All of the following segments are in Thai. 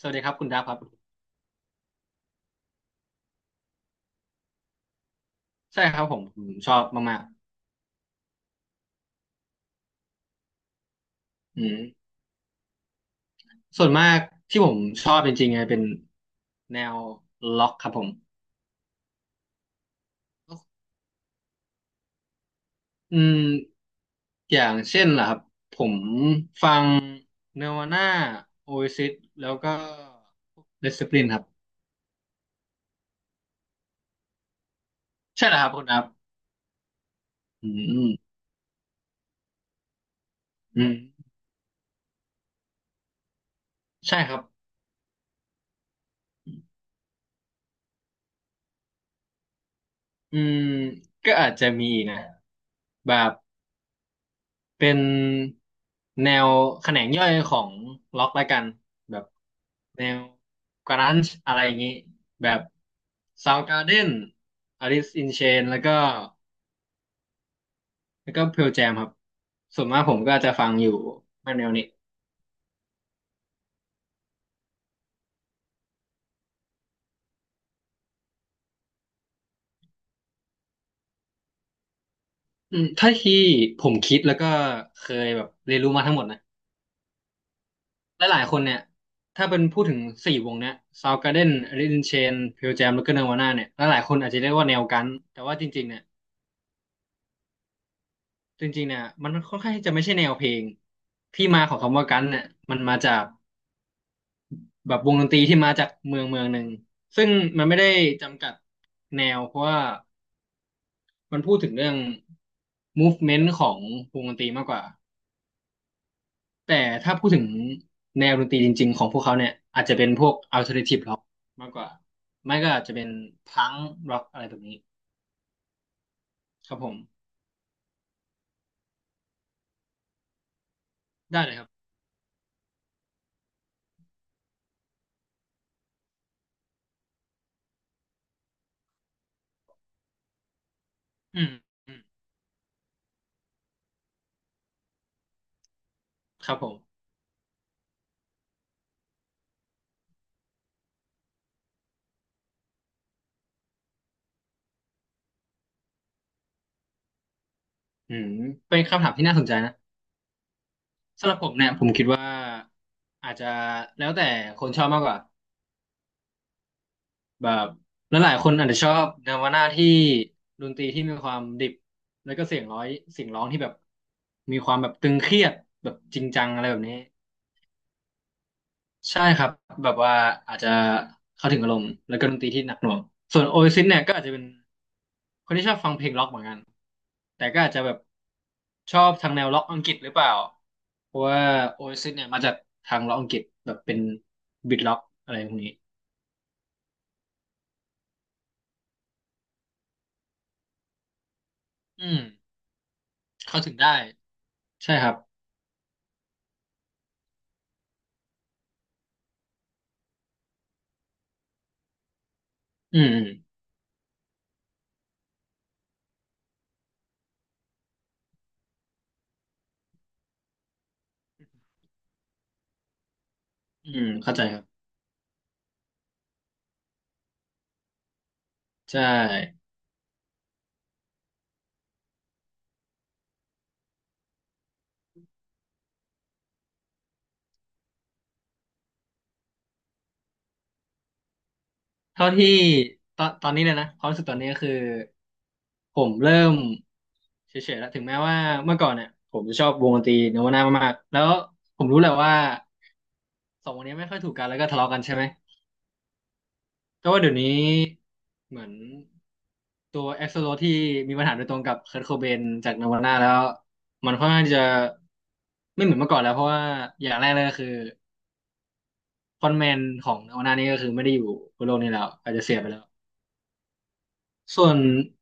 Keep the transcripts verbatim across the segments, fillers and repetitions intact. สวัสดีครับคุณดับครับใช่ครับผมผมชอบมากๆอืมส่วนมากที่ผมชอบจริงๆไงเป็นแนวล็อกครับผมอืมอย่างเช่นล่ะครับผมเนวาน่าโอเอซิสแล้วก็เดส p ิ l ลินครับใช่แล้วครับคุณดับอืมอืมอืมใช่ครับอืมก็อาจจะมีนะแบบ เป็นแนวแขนงย่อยของล็อกแล้วกันแบบแนวกรันช์อะไรอย่างนี้แบบ Soundgarden Alice in Chains แล้วก็แล้วก็ Pearl Jam ครับส่วนมากผมก็จะฟังอยู่มาแนวนี้อืมถ้าที่ผมคิดแล้วก็เคยแบบเรียนรู้มาทั้งหมดนะหลายๆคนเนี่ยถ้าเป็นพูดถึงสี่วงเนี้ย Soundgarden Alice in Chains Pearl Jam แล้วก็ Nirvana เนี่ยหลายๆคนอาจจะเรียกว่าแนวกันแต่ว่าจริงๆเนี่ย จริงๆเนี่ยมันค่อนข้างที่จะไม่ใช่แนวเพลงที่มาของคำว่ากันเนี่ยมันมาจากแบบวงดนตรีที่มาจากเมืองเมืองหนึ่งซึ่งมันไม่ได้จำกัดแนวเพราะว่ามันพูดถึงเรื่อง movement ของวงดนตรีมากกว่าแต่ถ้าพูดถึงแนวดนตรีจริงๆของพวกเขาเนี่ยอาจจะเป็นพวก alternative rock มากกว่าไม่ก็อาจจะเป็นพังร็อกอะไรแบบนี้ครับผมได้เลยครับอืมอืมครับผมอืมเป็นคำถามที่น่าสนใจนะ สำหรับผมเนี่ยผมคิดว่าอาจจะแล้วแต่คนชอบมากกว่าแบบแลหลายๆคนอาจจะชอบแนวหน้าที่ดนตรีที่มีความดิบแล้วก็เสียงร้อยเสียงร้องที่แบบมีความแบบตึงเครียดแบบจริงจังอะไรแบบนี้ใช่ครับแบบว่าอาจจะเข้าถึงอารมณ์แล้วก็ดนตรีที่หนักหน่วงส่วนโอเอซิสเนี่ยก็อาจจะเป็นคนที่ชอบฟังเพลงร็อกเหมือนกันแต่ก็อาจจะแบบชอบทางแนวร็อกอังกฤษหรือเปล่า เพราะว่า o อ s i s เอสเนี่ยมาจากทางล็อกอังกฤษแบบเป็นบิทล็อกอะไรพวกนี้ อืม เข้าถึงได้ใช่ครับอืมอืมอืมเข้าใจครับ ใช่เท่าที่ตอนตอนนี้เลยนะความรู้สึกตอนนี้ก็คือผมเริ่มเฉยๆแล้วถึงแม้ว่าเมื่อก่อนเนี่ยผมจะชอบวงดนตรีโนวาน่ามากๆแล้วผมรู้แหละว่าสองวงนี้ไม่ค่อยถูกกันแล้วก็ทะเลาะกันใช่ไหม ก็ว่าเดี๋ยวนี้เหมือนตัวเอ็กโซโลที่มีปัญหาโดยตรงกับเคิร์ o โคเบนจากนาวาน่าแล้วมันค่อนข้างจะไม่เหมือนเมื่อก่อนแล้วเพราะว่าอย่างแรกเลยก็คือฟอนต์แมนของนาวาน่านี่ก็คือไม่ได้อยู่บนโลกนี้แล้วอาจจะเสียไปแล้วส่วน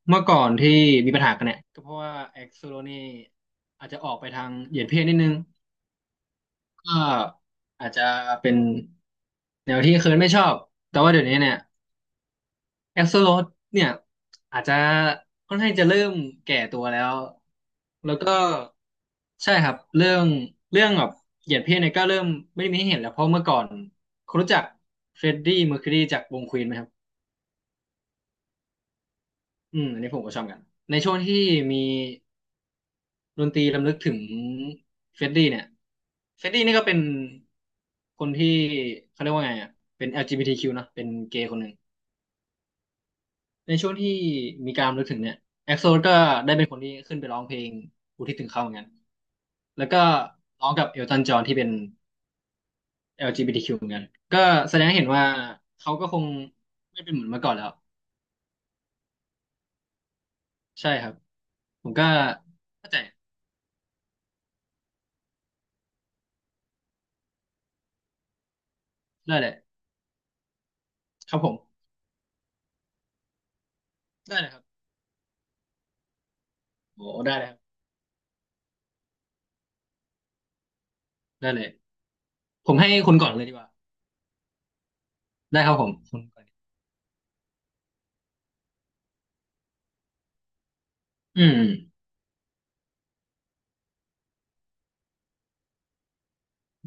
เมื่อก่อนที่มีปัญหากันเนี่ยก็เพราะว่าเอ็กโซโลนี่อาจจะออกไปทางเหยียดเพศนิดนึงก็อาจจะเป็นแนวที่เคิร์ดไม่ชอบแต่ว่าเดี๋ยวนี้เนี่ย แอสโซโลดเนี่ยอาจจะค่อนข้างจะเริ่มแก่ตัวแล้วแล้วก็ใช่ครับเรื่องเรื่องแบบเหยียดเพศเนี่ยก็เริ่มไม่มีให้เห็นแล้วเพราะเมื่อก่อนคุณรู้จักเฟรดดี้เมอร์คิวรีจากวงควีนไหมครับอืมอันนี้ผมก็ชอบเหมือนกันในช่วงที่มีดนตรีรำลึกถึงเฟรดดี้เนี่ยเฟรดดี้นี่ก็เป็นคนที่เขาเรียกว่าไงอ่ะเป็น แอล จี บี ที คิว เนอะเป็นเกย์คนหนึ่ง ในช่วงที่มีการรำลึกถึงเนี่ยเอ็กโซก็ได้เป็นคนที่ขึ้นไปร้องเพลงอุทิศถึงเขาเหมือนกันแล้วก็ร้องกับเอลตันจอห์นที่เป็น แอล จี บี ที คิว เหมือนกันก็แสดงให้เห็นว่าเขาก็คงไม่เป็นเหมือนเมื่อก่อนแล้วใช่ครับผมก็เข้าใจได้เลยครับผมได้เลยครับโอ้ได้เลยครับได้เลยผมให้คุณก่อนเลยดีกว่าได้ครับผมคุณก่อนอืม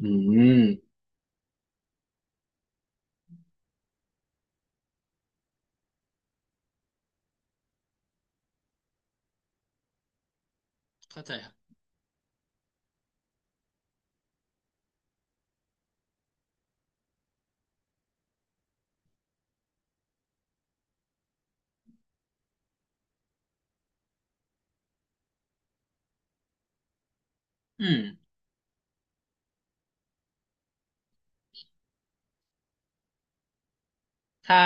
อืมเข้าใจครับอืมถ้า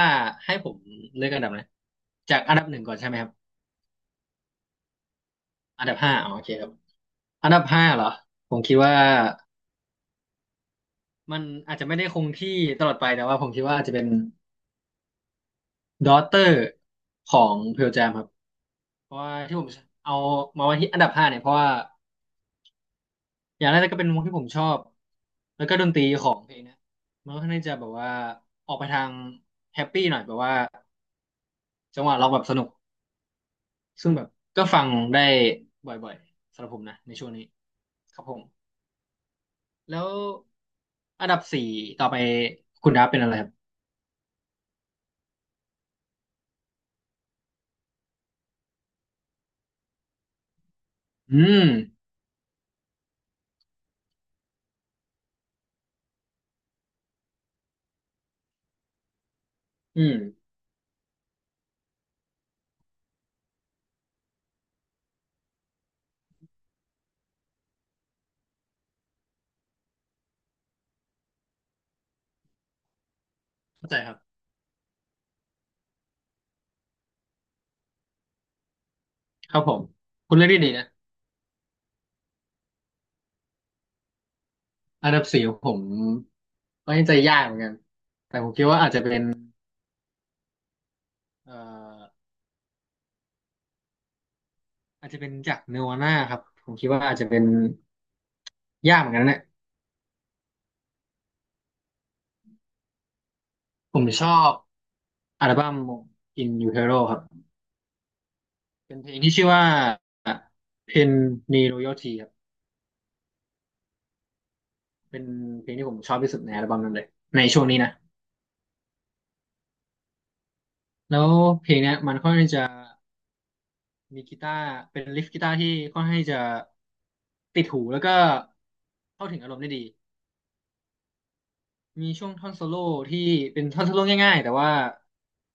ให้ผมเลือกอันดับนะจากอันดับหนึ่งก่อนใช่ไหมครับอันดับห้าอ๋อโอเคครับ อันดับห้าเหรอผมคิดว่ามันอาจจะไม่ได้คงที่ตลอดไปแต่ว่าผมคิดว่าอาจจะเป็น d a u g h t e r ของเพล j จ m ครับเพราะว่าที่ผมเอามาไว้ที่อันดับห้าเนี่ยเพราะว่าอย่างแรกก็เป็นวงที่ผมชอบแล้วก็ดนตรีของเพลงเนะมันก็ค่อนข้างจะแบบว่าออกไปทางแฮปปี้หน่อยแบบว่าจังหวะร้องแบบสนุกซึ่งแบบก็ฟังได้บ่อยๆสำหรับผมนะในช่วงนี้ครับผมแล้วอันดับสี่ต่อไปคุณดับเป็นอะไรครับอืมอืมเข้าใจครับ ครับผมคุณเลือกทีดีนะอันดับสี่ของผมก็ยังใจยากเหมือนกันแต่ผมคิดว่าอาจจะเป็นเอ่ออาจจะเป็นจากเนวาน่าครับผมคิดว่าอาจจะเป็นยากเหมือนกันนะเนี่ยผมชอบอัลบั้ม อิน ยูเทโร ครับเป็นเพลงที่ชื่อว่า เพน นี รอยัลตี้ ครับเป็นเพลงที่ผมชอบที่สุดในอัลบั้มนั้นเลยในช่วงนี้นะแล้วเพลงเนี้ยมันค่อนข้างจะมีกีตาร์เป็นลิฟกีตาร์ที่ค่อนข้างจะติดหูแล้วก็เข้าถึงอารมณ์ได้ดี มีช่วงท่อนโซโล่ที่เป็นท่อนโซโล่ง่ายๆแต่ว่า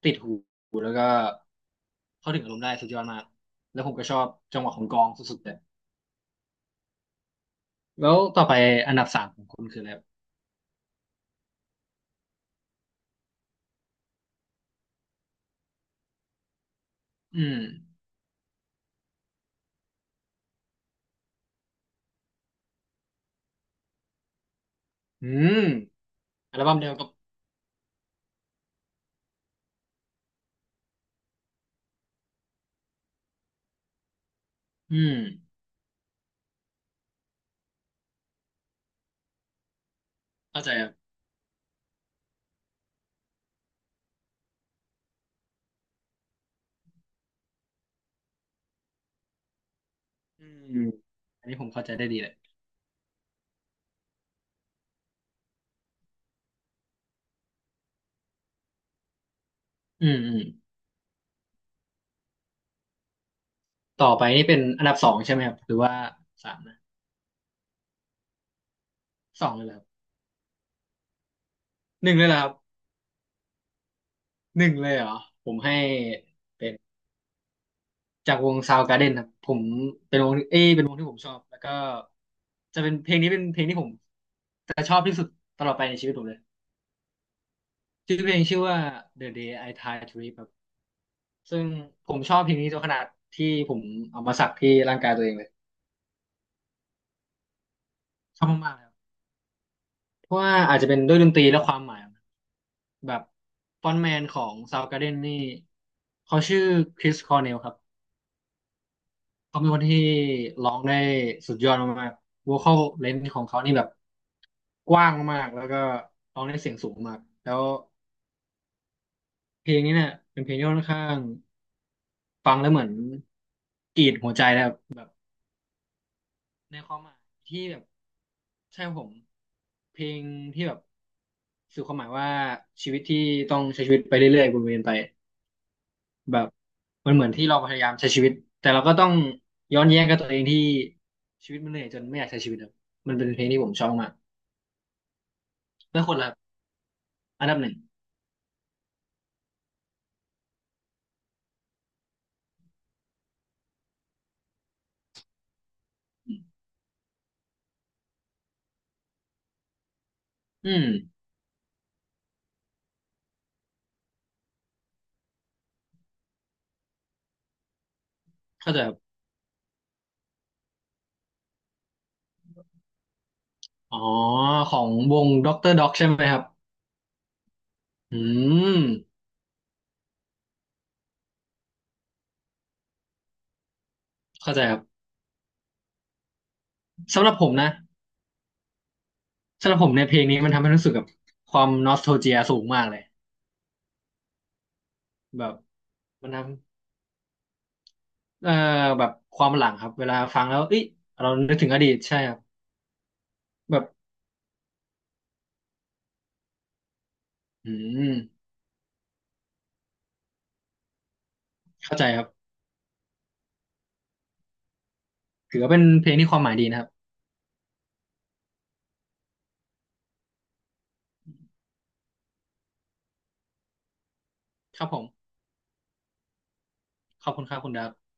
ติดหูแล้วก็เข้าถึงอารมณ์ได้สุดยอดมากแล้วผมก็ชอบจังหวะของกลองสุดๆเลยแล้วต่อไปอันดับสามของคุณคืออะไรครับอืมอืมอัลบั้มเดียวกับอืมเข้าใจครับอืมอันนี้ผมเข้าใจได้ดีเลยอืมอืมต่อไปนี่เป็นอันดับสองใช่ไหมครับหรือว่าสามนะสองเลยเหรอครับหนึ่งเลยเหรอครับหนึ่งเลยเหรอผมให้เป็น จากวง ซาวด์การ์เดน ครับผมเป็นวงที่เอ้ยเป็นวงที่ผมชอบแล้วก็จะเป็นเพลงนี้เป็นเพลงที่ผมจะชอบที่สุดตลอดไปในชีวิตผมเลยชื่อเพลงชื่อว่า เดอะ เดย์ ไอ ทราย ทู ลีฟ ครับซึ่งผมชอบเพลงนี้จนขนาดที่ผมเอามาสักที่ร่างกายตัวเองเลยชอบมากๆเลยครับเพราะว่าอาจจะเป็นด้วยดนตรีและความหมายของมันแบบฟรอนต์แมนของ Soundgarden นี่เขาชื่อคริสคอร์เนลครับเขาเป็นคนที่ร้องได้สุดยอดมากๆ โวคอล เรนจ์ ของเขานี่แบบ กว้างมากๆแล้วก็ร้องได้เสียงสูงมากแล้วเพลงนี้เนี่ยเป็นเพลงที่ค่อนข้างฟังแล้วเหมือนกรีดหัวใจนะครับในความหมายที่แบบใช่ครับผมเพลงที่แบบสื่อความหมายว่าชีวิตที่ต้องใช้ชีวิตไปเรื่อยๆวนเวียนไปแบบมันเหมือนที่เราพยายามใช้ชีวิตแต่เราก็ต้องย้อนแย้งกับตัวเองที่ชีวิตมันเหนื่อยจนไม่อยากใช้ชีวิตครับมันเป็นเพลงที่ผมชอบมากแล้วคนละอันดับหนึ่งอืมเข้าใจ อ๋อของวงด็อกเตอร์ด็อกใช่ไหมครับ อืมเข้าใจครับสำหรับผมนะสำหรับผมในยเพลงนี้มันทำให้รู้สึกกับความนอสโทเจียสูงมากเลยแบบมันทำเอ่อแบบความหลังครับเวลาฟังแล้วเอ้ยเรานึกถึงอดีตใช่ครับแบบอืมเข้าใจครับถือว่าเป็นเพลงที่ความหมายดีนะครับครับผมขอบคุณครับคุณดับ